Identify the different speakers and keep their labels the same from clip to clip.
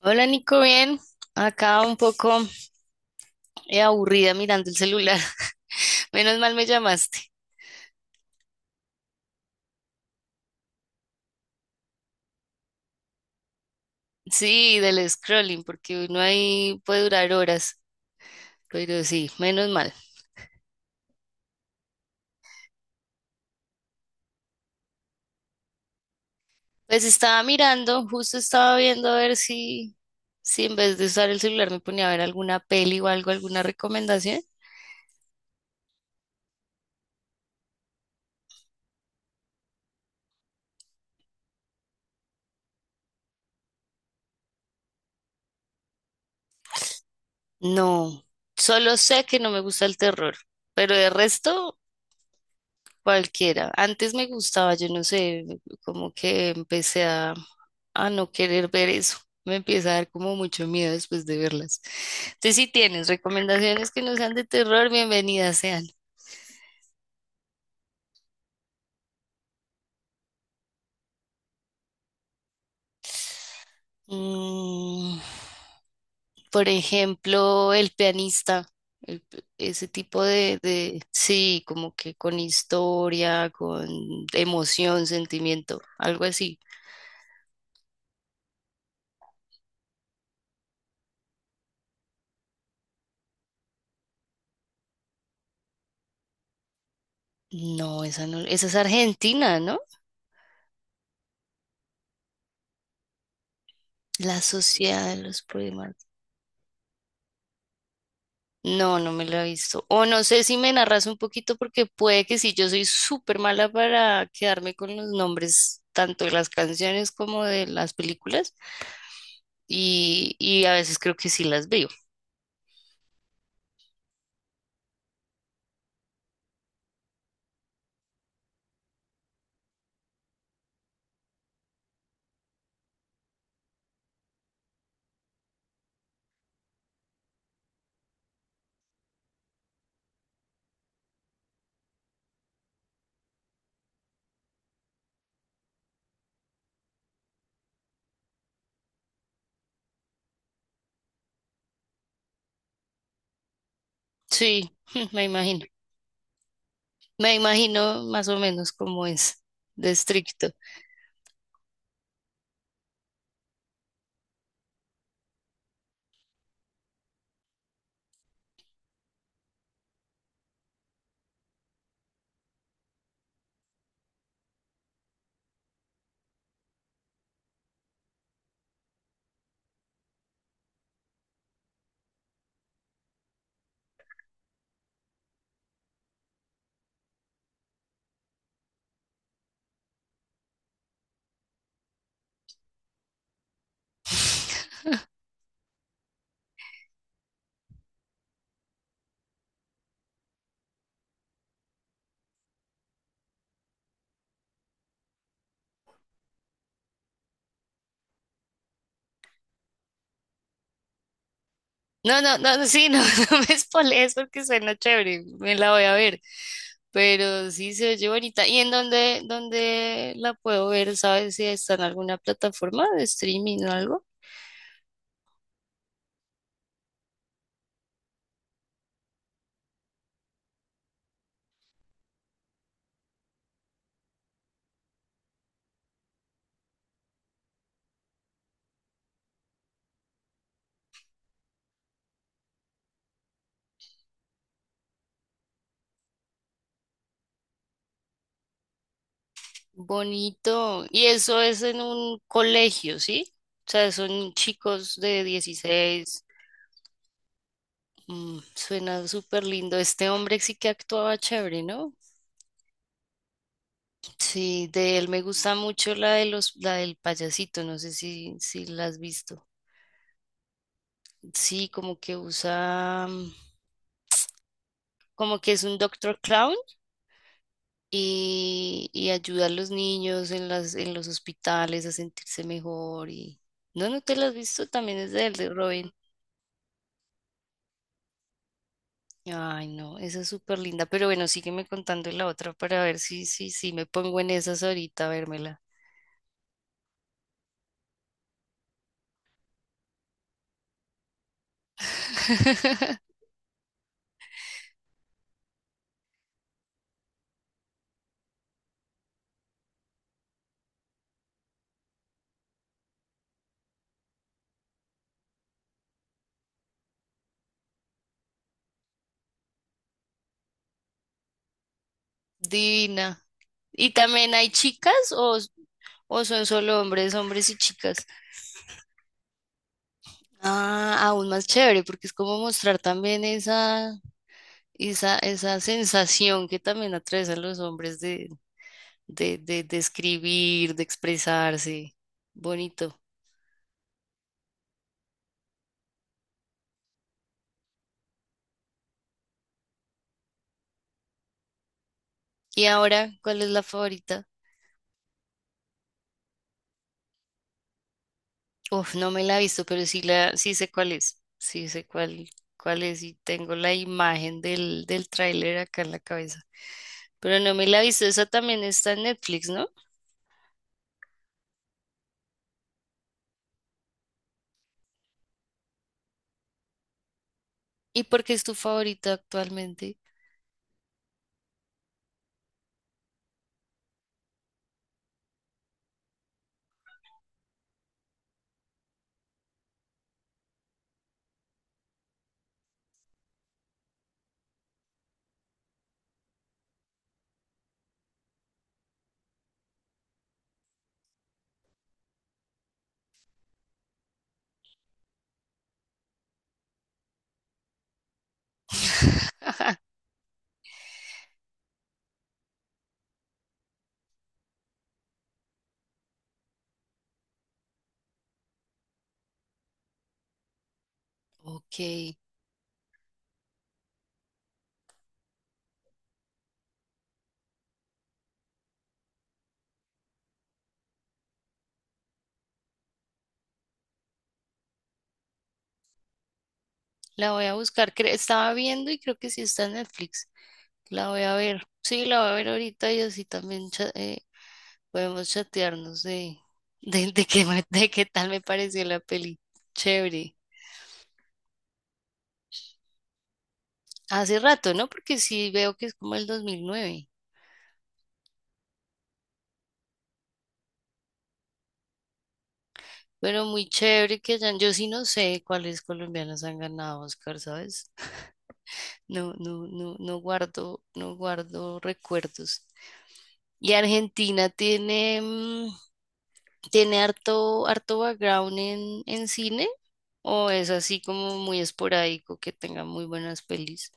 Speaker 1: Hola Nico, bien. Acá un poco aburrida mirando el celular. Menos mal me llamaste. Sí, del scrolling, porque uno ahí puede durar horas, pero sí, menos mal. Pues estaba mirando, justo estaba viendo a ver si en vez de usar el celular me ponía a ver alguna peli o algo, alguna recomendación. No, solo sé que no me gusta el terror, pero de resto, cualquiera. Antes me gustaba, yo no sé, como que empecé a no querer ver eso. Me empieza a dar como mucho miedo después de verlas. Entonces, si tienes recomendaciones que no sean de terror, bienvenidas sean. Mm, por ejemplo, El pianista, el- ese tipo de sí, como que con historia, con emoción, sentimiento, algo así. No, esa no, esa es Argentina, ¿no? La sociedad de los poemas. No, no me la he visto. O no sé si me narras un poquito porque puede que sí, yo soy súper mala para quedarme con los nombres tanto de las canciones como de las películas y a veces creo que sí las veo. Sí, me imagino. Me imagino más o menos cómo es de estricto. No, no, no, no, sí, no, no me spoilees porque suena chévere, me la voy a ver. Pero sí se oye bonita. ¿Y en dónde la puedo ver? ¿Sabes si está en alguna plataforma de streaming o algo? Bonito. Y eso es en un colegio, ¿sí? O sea, son chicos de 16. Suena súper lindo. Este hombre sí que actuaba chévere, ¿no? Sí, de él me gusta mucho la de la del payasito, no sé si la has visto. Sí, como que usa, como que es un Doctor Clown y ayuda a los niños en en los hospitales a sentirse mejor y. No, no te la has visto, también es de él, de Robin. Ay, no, esa es súper linda, pero bueno, sígueme contando la otra para ver si, si, si me pongo en esas ahorita a vérmela. Divina. ¿Y también hay chicas o son solo hombres, hombres y chicas? Ah, aún más chévere, porque es como mostrar también esa sensación que también atraviesan los hombres de escribir, de expresarse. Bonito. ¿Y ahora cuál es la favorita? Uf, no me la he visto, pero sí sí sé cuál es. Sí sé cuál es y tengo la imagen del tráiler acá en la cabeza. Pero no me la he visto, esa también está en Netflix, ¿no? ¿Y por qué es tu favorita actualmente? Ok, la voy a buscar. Estaba viendo y creo que sí está en Netflix. La voy a ver. Sí, la voy a ver ahorita y así también podemos chatearnos de qué, de qué tal me pareció la peli. Chévere. Hace rato, ¿no? Porque sí veo que es como el 2009. Pero muy chévere que hayan, yo sí no sé cuáles colombianos han ganado Oscar, ¿sabes? No, no, no, no guardo recuerdos. Y Argentina tiene, tiene harto, harto background en cine, o es así como muy esporádico que tenga muy buenas pelis.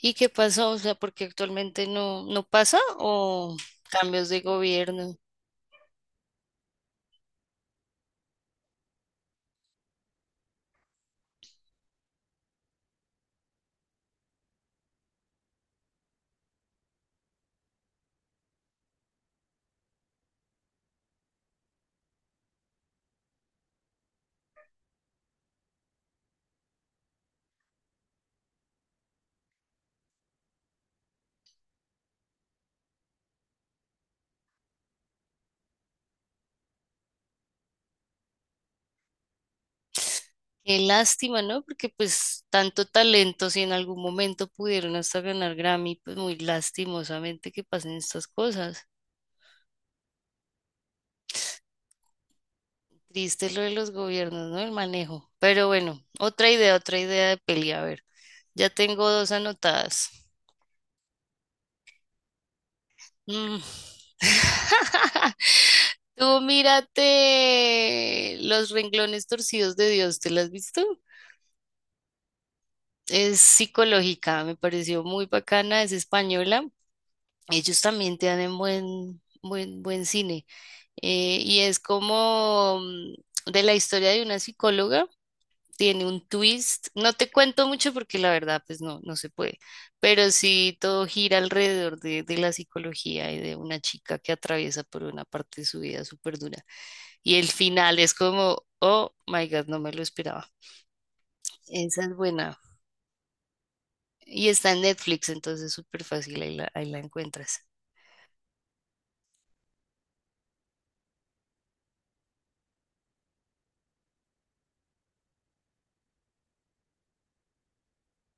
Speaker 1: ¿Y qué pasó? O sea, porque actualmente no, no pasa o cambios de gobierno. Qué lástima, ¿no? Porque pues tanto talento, si en algún momento pudieron hasta ganar Grammy, pues muy lastimosamente que pasen estas cosas. Triste lo de los gobiernos, ¿no? El manejo. Pero bueno, otra idea de peli. A ver, ya tengo dos anotadas. Mm. Tú mírate Los renglones torcidos de Dios, ¿te las has visto? Es psicológica, me pareció muy bacana, es española. Ellos también te dan en buen, buen, buen cine. Y es como de la historia de una psicóloga, tiene un twist. No te cuento mucho porque la verdad, pues no, no se puede. Pero sí todo gira alrededor de la psicología y de una chica que atraviesa por una parte de su vida súper dura. Y el final es como, oh my God, no me lo esperaba. Esa es buena. Y está en Netflix, entonces súper fácil, ahí ahí la encuentras.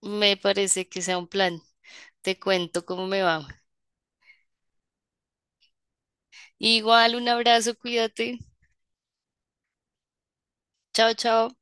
Speaker 1: Me parece que sea un plan. Te cuento cómo me va. Igual, un abrazo, cuídate. Chao, chao.